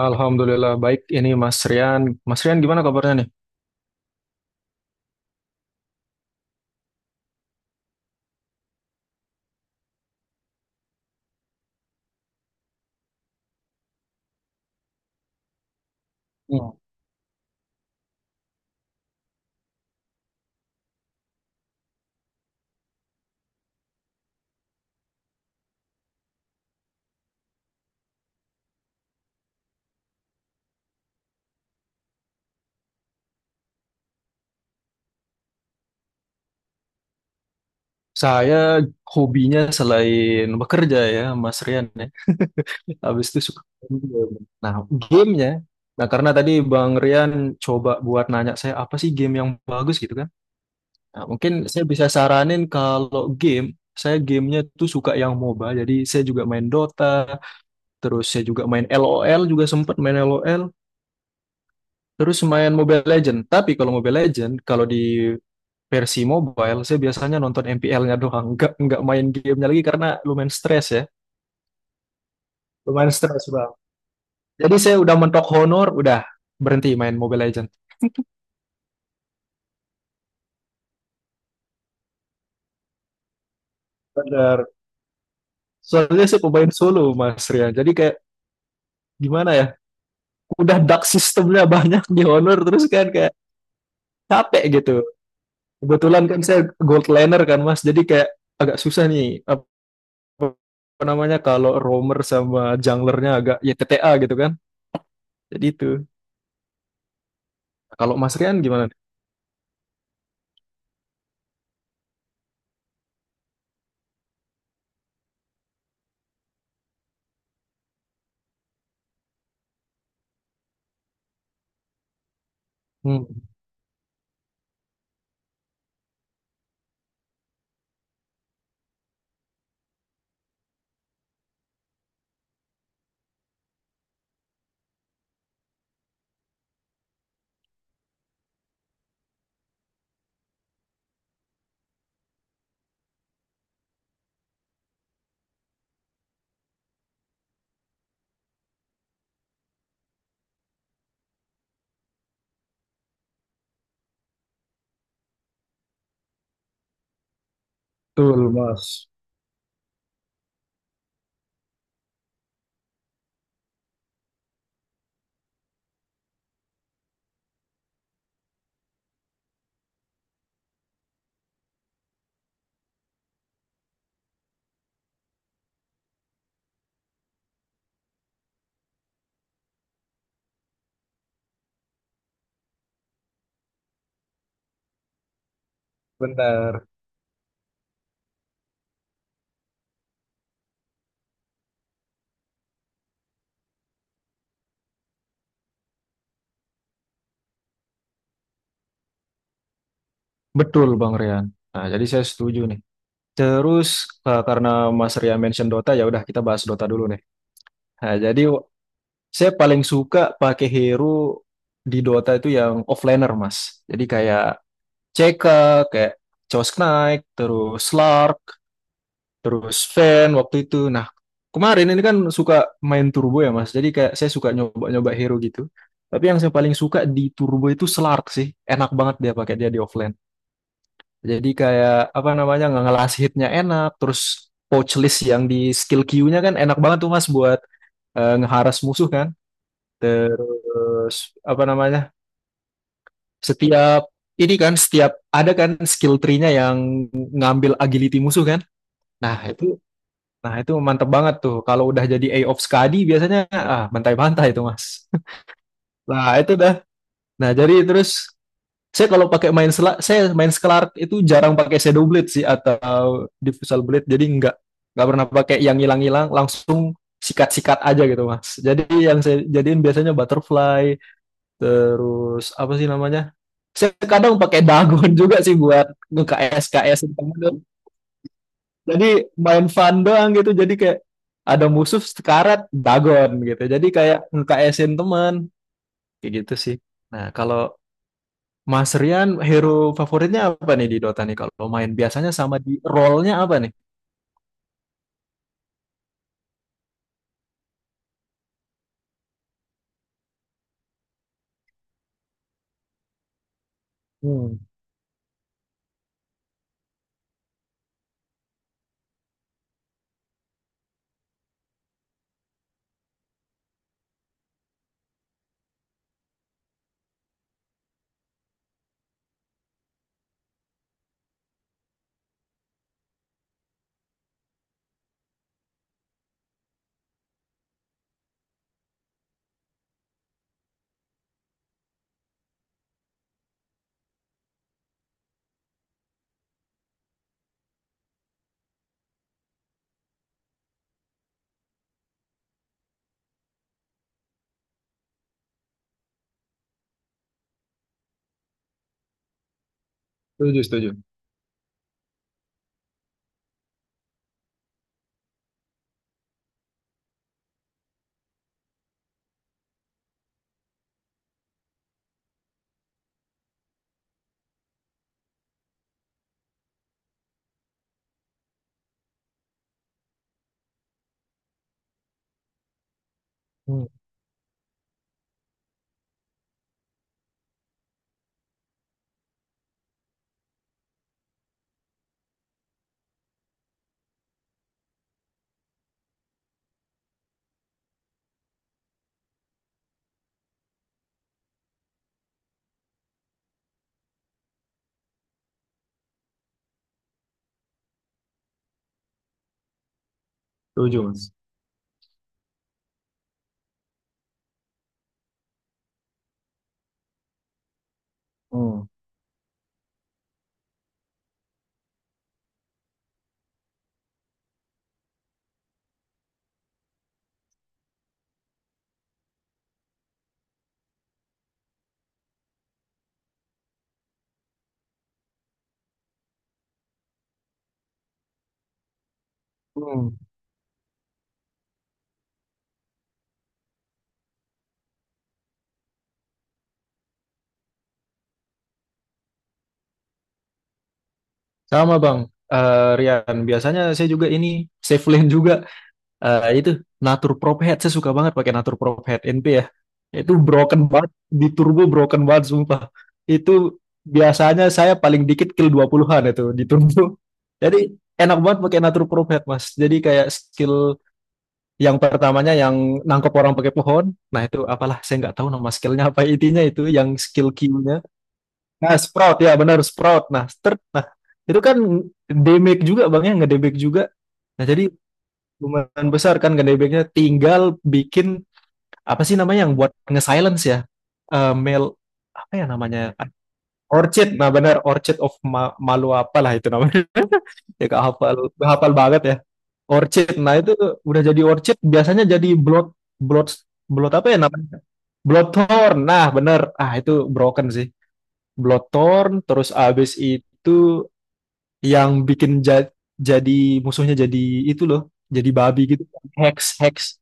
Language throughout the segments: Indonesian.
Alhamdulillah baik ini Mas Rian. Mas Rian gimana kabarnya nih? Hmm. Saya hobinya selain bekerja ya Mas Rian ya. Habis itu suka main game. Nah, gamenya. Nah, karena tadi Bang Rian coba buat nanya saya apa sih game yang bagus gitu kan. Nah, mungkin saya bisa saranin kalau game, saya gamenya tuh suka yang MOBA. Jadi saya juga main Dota, terus saya juga main LOL juga sempat main LOL. Terus main Mobile Legend. Tapi kalau Mobile Legend, kalau di versi mobile saya biasanya nonton MPL-nya doang, nggak main gamenya lagi karena lumayan stres ya, lumayan stres bang. Jadi saya udah mentok honor, udah berhenti main Mobile Legends. Benar. Soalnya saya pemain solo Mas Rian, jadi kayak gimana ya, udah dark sistemnya banyak di honor terus kan kayak capek gitu. Kebetulan kan saya gold laner kan Mas, jadi kayak agak susah nih apa apa namanya kalau roamer sama junglernya agak ya T T a gitu kan. Jadi itu. Kalau Mas Rian gimana? Hmm, betul Mas. Benar. Betul, Bang Rian. Nah, jadi saya setuju nih. Terus karena Mas Rian mention Dota, ya udah kita bahas Dota dulu nih. Nah, jadi saya paling suka pakai hero di Dota itu yang offlaner, Mas. Jadi kayak CK, kayak Chaos Knight, terus Slark, terus Fen waktu itu. Nah, kemarin ini kan suka main turbo ya, Mas. Jadi kayak saya suka nyoba-nyoba hero gitu. Tapi yang saya paling suka di turbo itu Slark sih. Enak banget dia pakai dia di offline. Jadi kayak apa namanya nggak ngelas hitnya enak, terus pouch list yang di skill Q-nya kan enak banget tuh Mas buat ngeharas musuh kan. Terus apa namanya? Setiap ini kan setiap ada kan skill tree-nya yang ngambil agility musuh kan. Nah, itu mantep banget tuh. Kalau udah jadi A of Skadi biasanya ah bantai-bantai itu Mas. Nah, itu dah. Nah, jadi terus saya kalau pakai main sela, saya main Scarlet itu jarang pakai Shadow Blade sih atau Diffusal Blade. Jadi nggak pernah pakai yang hilang-hilang, langsung sikat-sikat aja gitu mas. Jadi yang saya jadiin biasanya butterfly, terus apa sih namanya? Saya kadang pakai dagon juga sih buat nge-KS KS temen tuh. Jadi main fun doang gitu. Jadi kayak ada musuh sekarat dagon gitu. Jadi kayak nge-KS-in teman kayak gitu sih. Nah kalau Mas Rian, hero favoritnya apa nih di Dota nih kalau main? Biasanya sama di role-nya apa nih? Hmm, setuju, setuju. Hmm, setuju, Mas. Hmm. Hmm, sama Bang. Rian, biasanya saya juga ini safe lane juga. Itu Natur Prop Head, saya suka banget pakai Natur Prop Head NP ya. Itu broken banget, di turbo broken banget sumpah. Itu biasanya saya paling dikit kill 20-an itu di turbo. Jadi enak banget pakai Natur Prop Head, Mas. Jadi kayak skill yang pertamanya yang nangkep orang pakai pohon. Nah itu apalah saya nggak tahu nama skillnya apa intinya itu yang skill Q-nya. Nah sprout ya benar sprout. Nah start. Nah itu kan damage juga bang ya ngedamage juga. Nah jadi lumayan besar kan ngedamage-nya. Tinggal bikin apa sih namanya yang buat nge-silence ya? Mail apa ya namanya? Orchid, nah benar Orchid of Ma Malu apalah itu namanya. Ya gak hafal banget ya. Orchid. Nah, itu udah jadi orchid biasanya jadi blood blood blood apa ya namanya? Bloodthorn. Nah, bener. Ah, itu broken sih. Bloodthorn terus abis itu yang bikin jadi musuhnya jadi itu loh, jadi babi gitu. Hex, hex.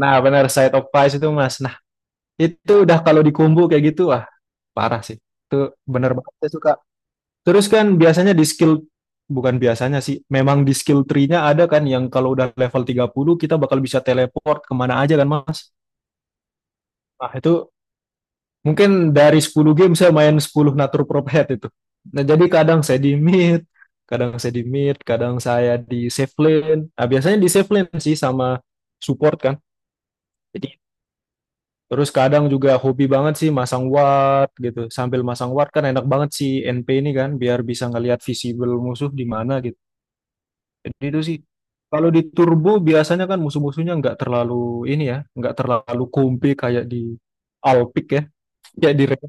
Nah, bener Side of Pies itu, Mas. Nah, itu udah kalau dikumbu kayak gitu, wah, parah sih. Itu bener banget saya suka. Terus kan biasanya di skill bukan biasanya sih, memang di skill tree-nya ada kan yang kalau udah level 30 kita bakal bisa teleport kemana aja kan Mas. Nah itu mungkin dari 10 game saya main 10 natur prophet itu. Nah jadi kadang saya di mid, kadang saya di safe lane. Nah biasanya di safe lane sih sama support kan. Jadi terus kadang juga hobi banget sih masang ward gitu. Sambil masang ward kan enak banget si NP ini kan biar bisa ngelihat visible musuh di mana gitu. Jadi itu sih. Kalau di turbo biasanya kan musuh-musuhnya nggak terlalu ini ya, nggak terlalu kumpi kayak di Alpic ya, kayak di Red.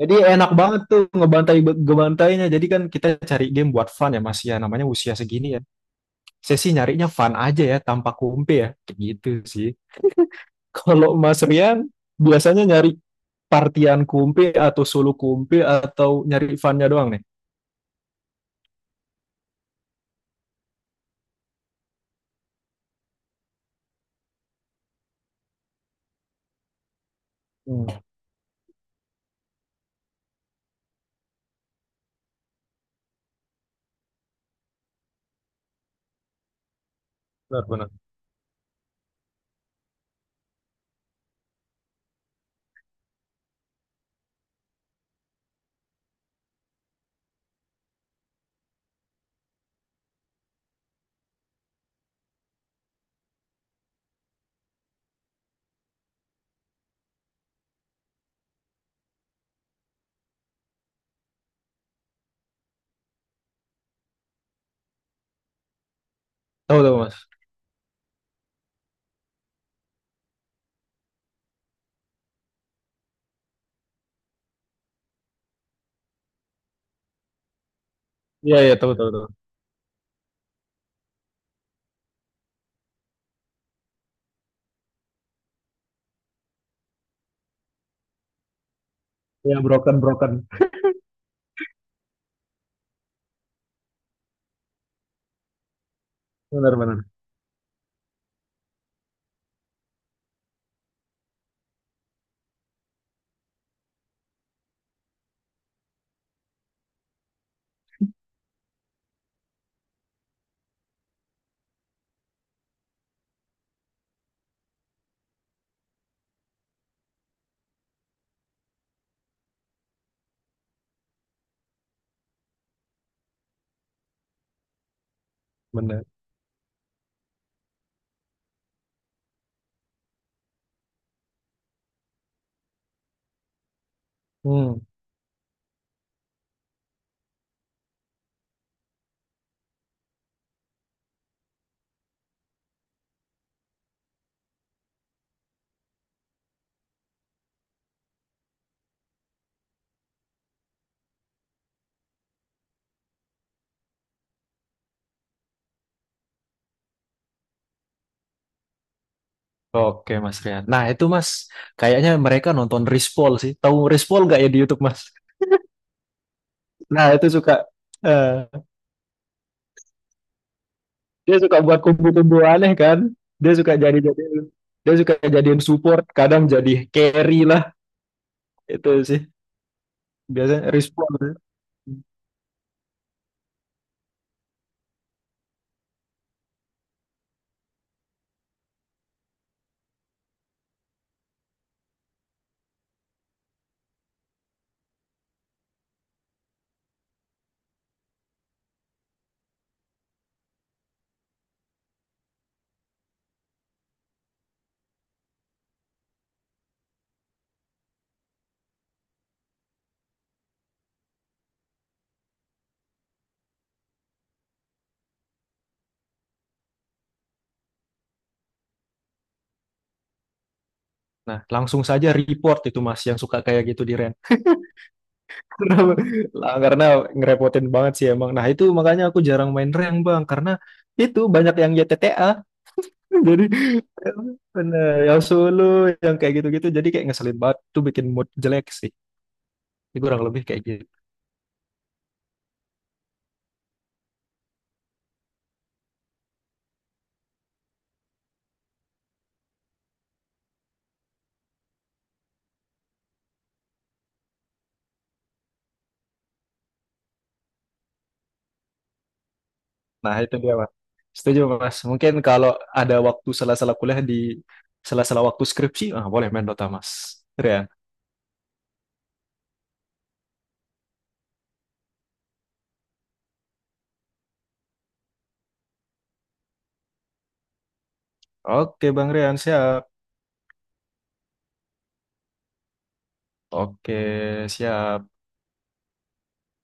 Jadi enak banget tuh ngebantai ngebantainya. Jadi kan kita cari game buat fun ya Mas ya, namanya usia segini ya. Saya sih nyarinya fun aja ya, tanpa kumpi ya, kayak gitu sih. Kalau Mas Rian biasanya nyari partian kumpi atau solo kumpi atau nyari funnya doang nih. Hmm, benar benar. Tahu tahu Mas. Iya iya tahu tahu tahu. Iya broken broken. Benar benar. Benar. Hmm. Oke Mas Rian. Nah itu Mas, kayaknya mereka nonton Rispol sih. Tahu Rispol nggak ya di YouTube Mas? Nah itu suka, eh, dia suka buat kumpul-kumpul aneh kan? Dia suka jadi jadi, dia suka jadiin support, kadang jadi carry lah itu sih. Biasanya Rispol. Nah langsung saja report itu Mas yang suka kayak gitu di rank. Karena karena ngerepotin banget sih emang. Nah itu makanya aku jarang main rank Bang, karena itu banyak yang YTTA. Jadi bener, yang solo, yang kayak gitu-gitu. Jadi kayak ngeselin banget. Tuh bikin mood jelek sih. Ini kurang lebih kayak gitu. Nah itu dia mas. Setuju mas. Mungkin kalau ada waktu salah-salah kuliah di salah-salah waktu skripsi, ah boleh main Dota mas. Rian. Oke Bang Rian, siap. Oke, siap.